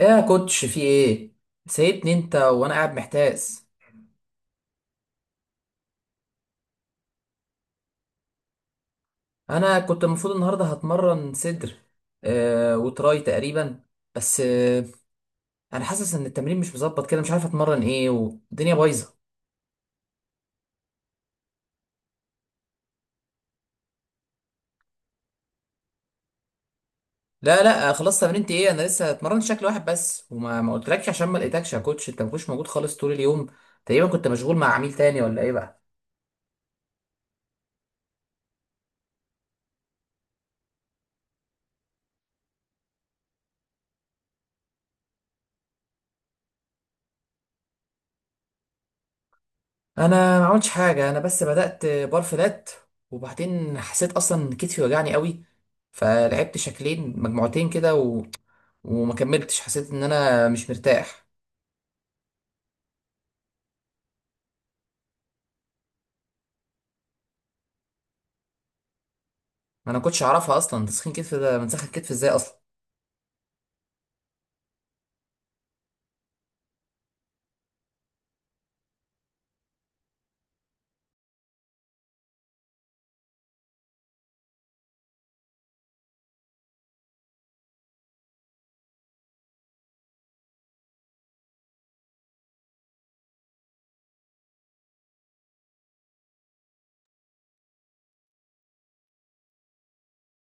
ايه يا كوتش؟ في ايه؟ سيبني انت، وانا قاعد محتاس. انا كنت المفروض النهارده هتمرن صدر وتراي تقريبا. بس انا حاسس ان التمرين مش مظبط كده، مش عارف اتمرن ايه والدنيا بايظه. لا لا، خلاص. تمرينتي ايه؟ انا لسه اتمرنت شكل واحد بس، وما ما قلتلكش عشان ما لقيتكش يا كوتش، انت ما كنتش موجود خالص طول اليوم، تقريبا كنت مشغول مع عميل تاني ولا ايه بقى؟ انا ما عملتش حاجه، انا بس بدات بار فلات، وبعدين حسيت اصلا كتفي وجعني قوي، فلعبت شكلين مجموعتين كده وما كملتش، حسيت ان انا مش مرتاح. ما انا كنتش اعرفها اصلا، تسخين كتف ده بنسخن كتف ازاي اصلا؟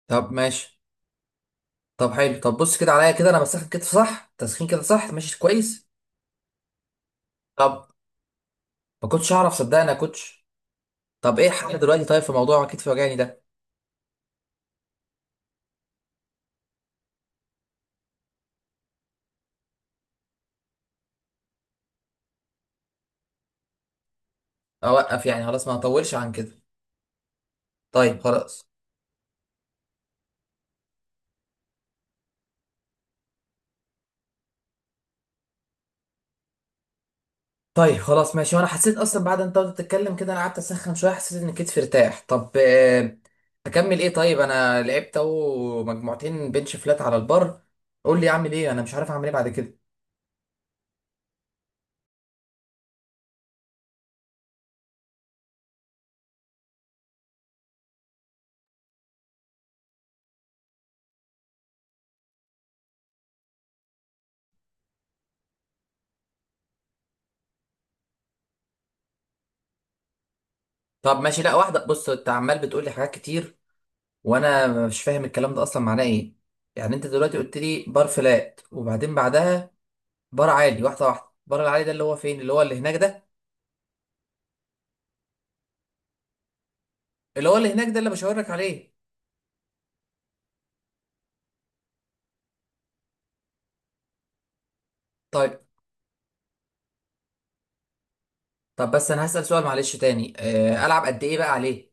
طب ماشي. طب حلو، طب بص كده عليا، كده انا بسخن كتف صح؟ تسخين كده صح؟ ماشي كويس. طب ما كنتش اعرف صدقني يا كوتش. طب ايه الحل دلوقتي، طيب في موضوع كتفي وجعني ده؟ اوقف يعني؟ خلاص ما هطولش عن كده. طيب خلاص. طيب خلاص ماشي. وانا حسيت اصلا بعد انت قعدت تتكلم كده، انا قعدت اسخن شويه، حسيت ان كتفي ارتاح. طب اكمل ايه طيب؟ انا لعبت اهو مجموعتين بنش فلات على البر، قول لي اعمل ايه، انا مش عارف اعمل ايه بعد كده. طب ماشي، لا واحده، بص انت عمال بتقول لي حاجات كتير وانا مش فاهم الكلام ده اصلا معناه ايه. يعني انت دلوقتي قلت لي بار فلات وبعدين بعدها بار عالي، واحده واحده. بار العالي ده اللي هو فين؟ اللي هو اللي هناك ده؟ اللي هو اللي هناك ده اللي بشاور لك عليه. طيب. طب بس انا هسأل سؤال معلش تاني، العب قد ايه بقى عليه؟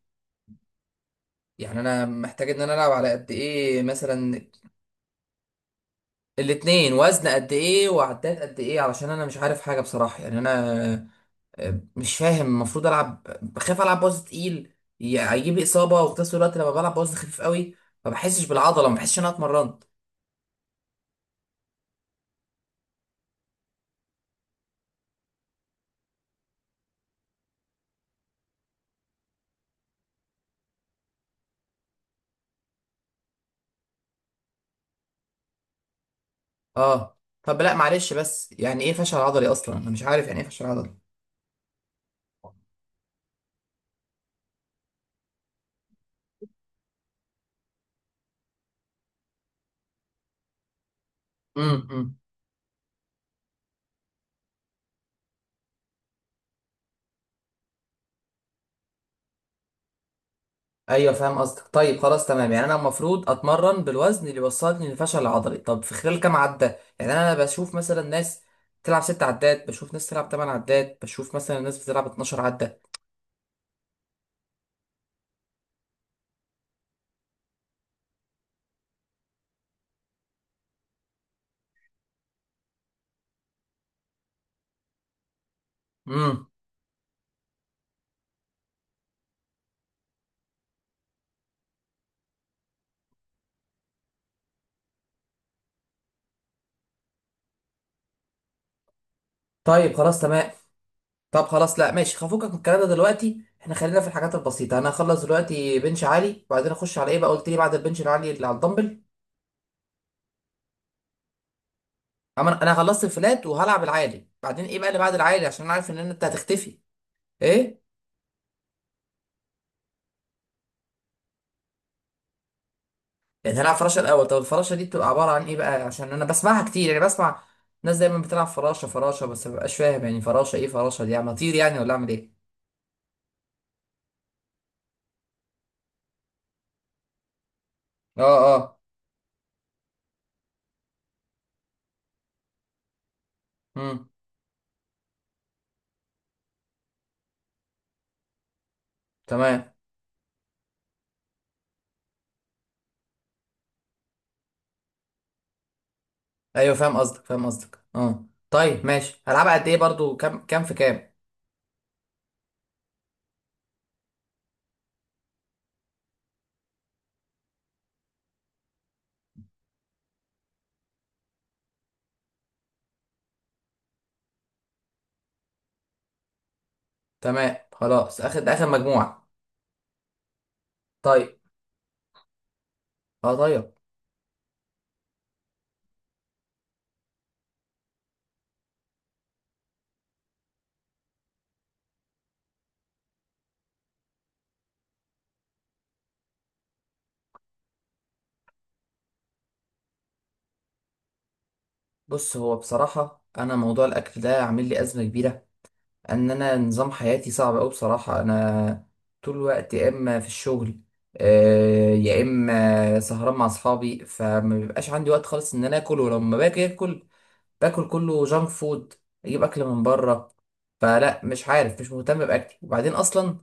يعني انا محتاج ان انا العب على قد ايه مثلا؟ الاتنين، وزن قد ايه وعدات قد ايه؟ علشان انا مش عارف حاجه بصراحه، يعني انا مش فاهم المفروض العب. بخاف العب وزن تقيل هيجيب لي اصابه، وفي نفس الوقت لما بلعب وزن خفيف قوي ما بحسش بالعضله، ما بحسش ان انا اتمرنت. اه طب، لا معلش، بس يعني ايه فشل عضلي اصلا؟ انا مش عارف يعني ايه فشل عضلي. امم. ايوه فاهم قصدك، طيب خلاص تمام، يعني انا المفروض اتمرن بالوزن اللي يوصلني للفشل العضلي؟ طب في خلال كام عده؟ يعني انا بشوف مثلا ناس تلعب 6 عدات، بشوف ناس تلعب 8 عدات، بشوف مثلا ناس بتلعب 12 عده. امم. طيب خلاص تمام. طب خلاص، لا ماشي، هفكك من الكلام ده دلوقتي، احنا خلينا في الحاجات البسيطه. انا هخلص دلوقتي بنش عالي، وبعدين اخش على ايه بقى؟ قلت لي بعد البنش العالي اللي على الدمبل. اما انا خلصت الفلات وهلعب العالي، بعدين ايه بقى اللي بعد العالي؟ عشان انا عارف ان انت هتختفي. ايه؟ يعني هنلعب فراشه الاول؟ طب الفراشه دي بتبقى عباره عن ايه بقى؟ عشان انا بسمعها كتير، يعني بسمع ناس دايما بتلعب فراشه فراشه، بس ما ببقاش فاهم يعني فراشه ايه. فراشه دي يعني اطير يعني ولا اعمل ايه؟ اه، اه. امم. تمام. ايوه فاهم قصدك، فاهم قصدك، اه. طيب ماشي، هلعبها قد ايه برضو؟ كام كام في كام؟ تمام خلاص، اخد ده اخر مجموعه. طيب. اه طيب. بص هو بصراحه انا موضوع الاكل ده عامل لي ازمه كبيره، ان انا نظام حياتي صعب قوي بصراحه. انا طول الوقت يا اما في الشغل يا اما سهران مع اصحابي، فما بيبقاش عندي وقت خالص ان انا اكل، ولما باجي اكل باكل كله جانك فود، اجيب اكل من بره. فلا، مش عارف، مش مهتم باكلي، وبعدين اصلا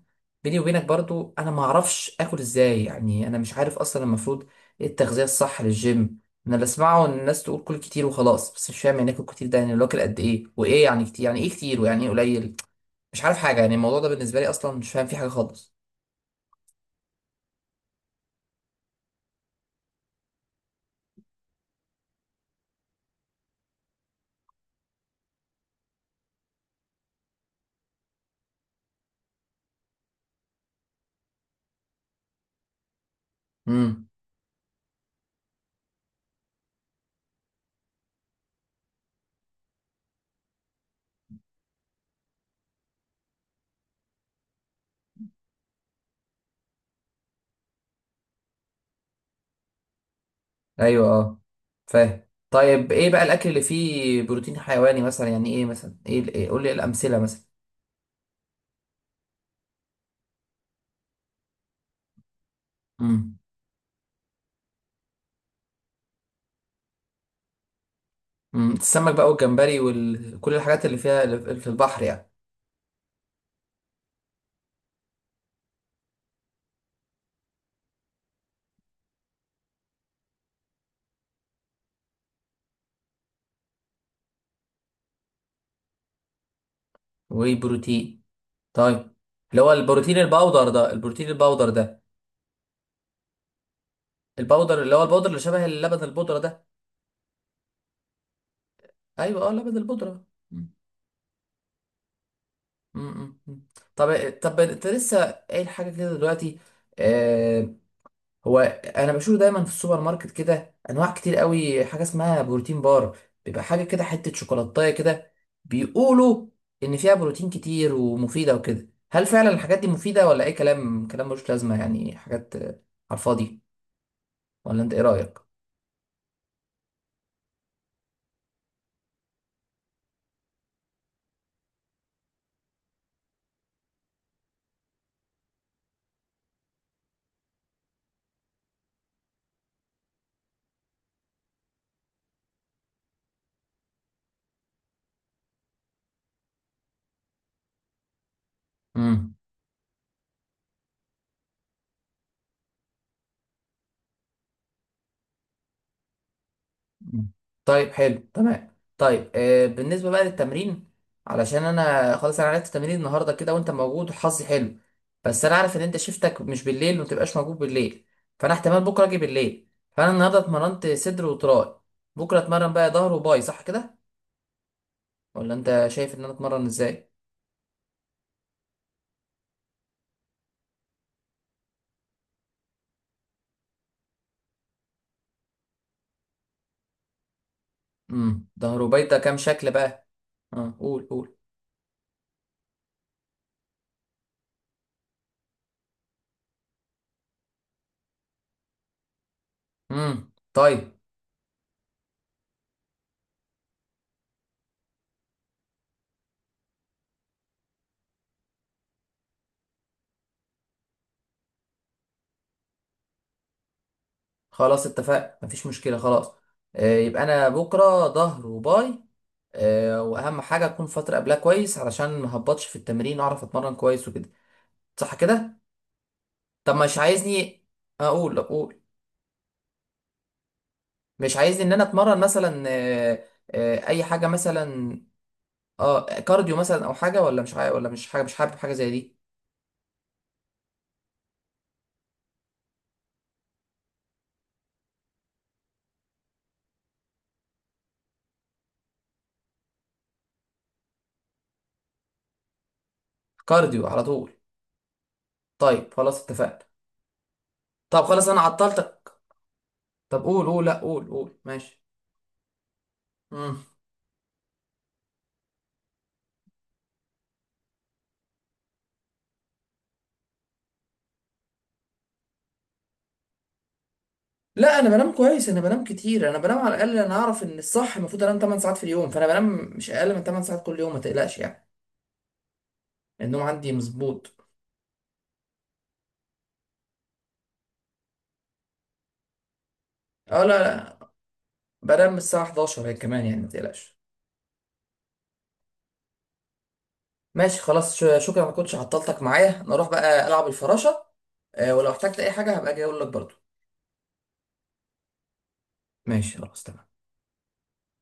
بيني وبينك برضو، انا ما اعرفش اكل ازاي. يعني انا مش عارف اصلا المفروض ايه التغذيه الصح للجيم. انا اللي بسمعه ان الناس تقول كل كتير وخلاص، بس مش فاهم يعني اكل كتير ده يعني لو اكل قد ايه؟ وايه يعني كتير؟ يعني ايه كتير ويعني ايه قليل؟ مش عارف حاجة، يعني الموضوع ده بالنسبة لي أصلا مش فاهم فيه حاجة خالص. امم. أيوه، أه. فاهم. طيب إيه بقى الأكل اللي فيه بروتين حيواني مثلا؟ يعني إيه مثلا؟ إيه إيه؟ قول لي إيه الأمثلة مثلا. امم. امم، السمك بقى والجمبري وكل الحاجات اللي فيها، اللي في البحر يعني. وبروتين. طيب. اللي هو البروتين الباودر ده، البروتين الباودر ده، الباودر اللي هو الباودر اللي شبه اللبن البودرة ده. أيوه، أه، لبن البودرة. أمم، أمم، أمم. طب طب، أنت لسه قايل حاجة كده دلوقتي. آه، هو انا بشوف دايما في السوبر ماركت كده انواع كتير قوي حاجه اسمها بروتين بار، بيبقى حاجه كده حته شوكولاتايه كده، بيقولوا ان فيها بروتين كتير ومفيده وكده. هل فعلا الحاجات دي مفيده ولا اي كلام، كلام ملوش لازمه، يعني حاجات على الفاضي؟ ولا انت ايه رايك؟ مم. طيب حلو تمام. طيب آه، بالنسبة بقى للتمرين، علشان انا خلاص انا عرفت تمرين النهارده كده وانت موجود وحظي حلو، بس انا عارف ان انت شفتك مش بالليل ومتبقاش موجود بالليل، فانا احتمال بكره اجي بالليل. فانا النهارده اتمرنت صدر وتراي، بكره اتمرن بقى ظهر وباي، صح كده؟ ولا انت شايف ان انا اتمرن ازاي؟ امم، ظهر وباي ده كام شكل بقى؟ اه، قول قول. امم، طيب خلاص اتفقنا، مفيش مشكله خلاص. آه، يبقى انا بكره ظهر وباي. واهم حاجه اكون فتره قبلها كويس علشان ما هبطش في التمرين، اعرف اتمرن كويس وكده. صح كده؟ طب مش عايزني اقول اقول؟ مش عايزني ان انا اتمرن مثلا اي حاجه مثلا؟ اه، كارديو مثلا او حاجه؟ ولا مش عاي... ولا مش حاجه، مش حابب حاجه زي دي؟ كارديو على طول؟ طيب خلاص اتفقنا. طب خلاص انا عطلتك. طب قول قول، لا قول قول ماشي. مم. لا، انا بنام كويس، انا بنام كتير، انا بنام على الاقل. انا اعرف ان الصح المفروض انام 8 ساعات في اليوم، فانا بنام مش اقل من 8 ساعات كل يوم، ما تقلقش يعني. النوم عندي مظبوط. اه لا لا، بنام الساعة 11 هي كمان، يعني ما تقلقش. ماشي خلاص، شكرا، ما كنتش عطلتك معايا، نروح بقى ألعب الفراشة. ولو احتجت أي حاجة هبقى أجي أقول لك برضو. ماشي خلاص تمام.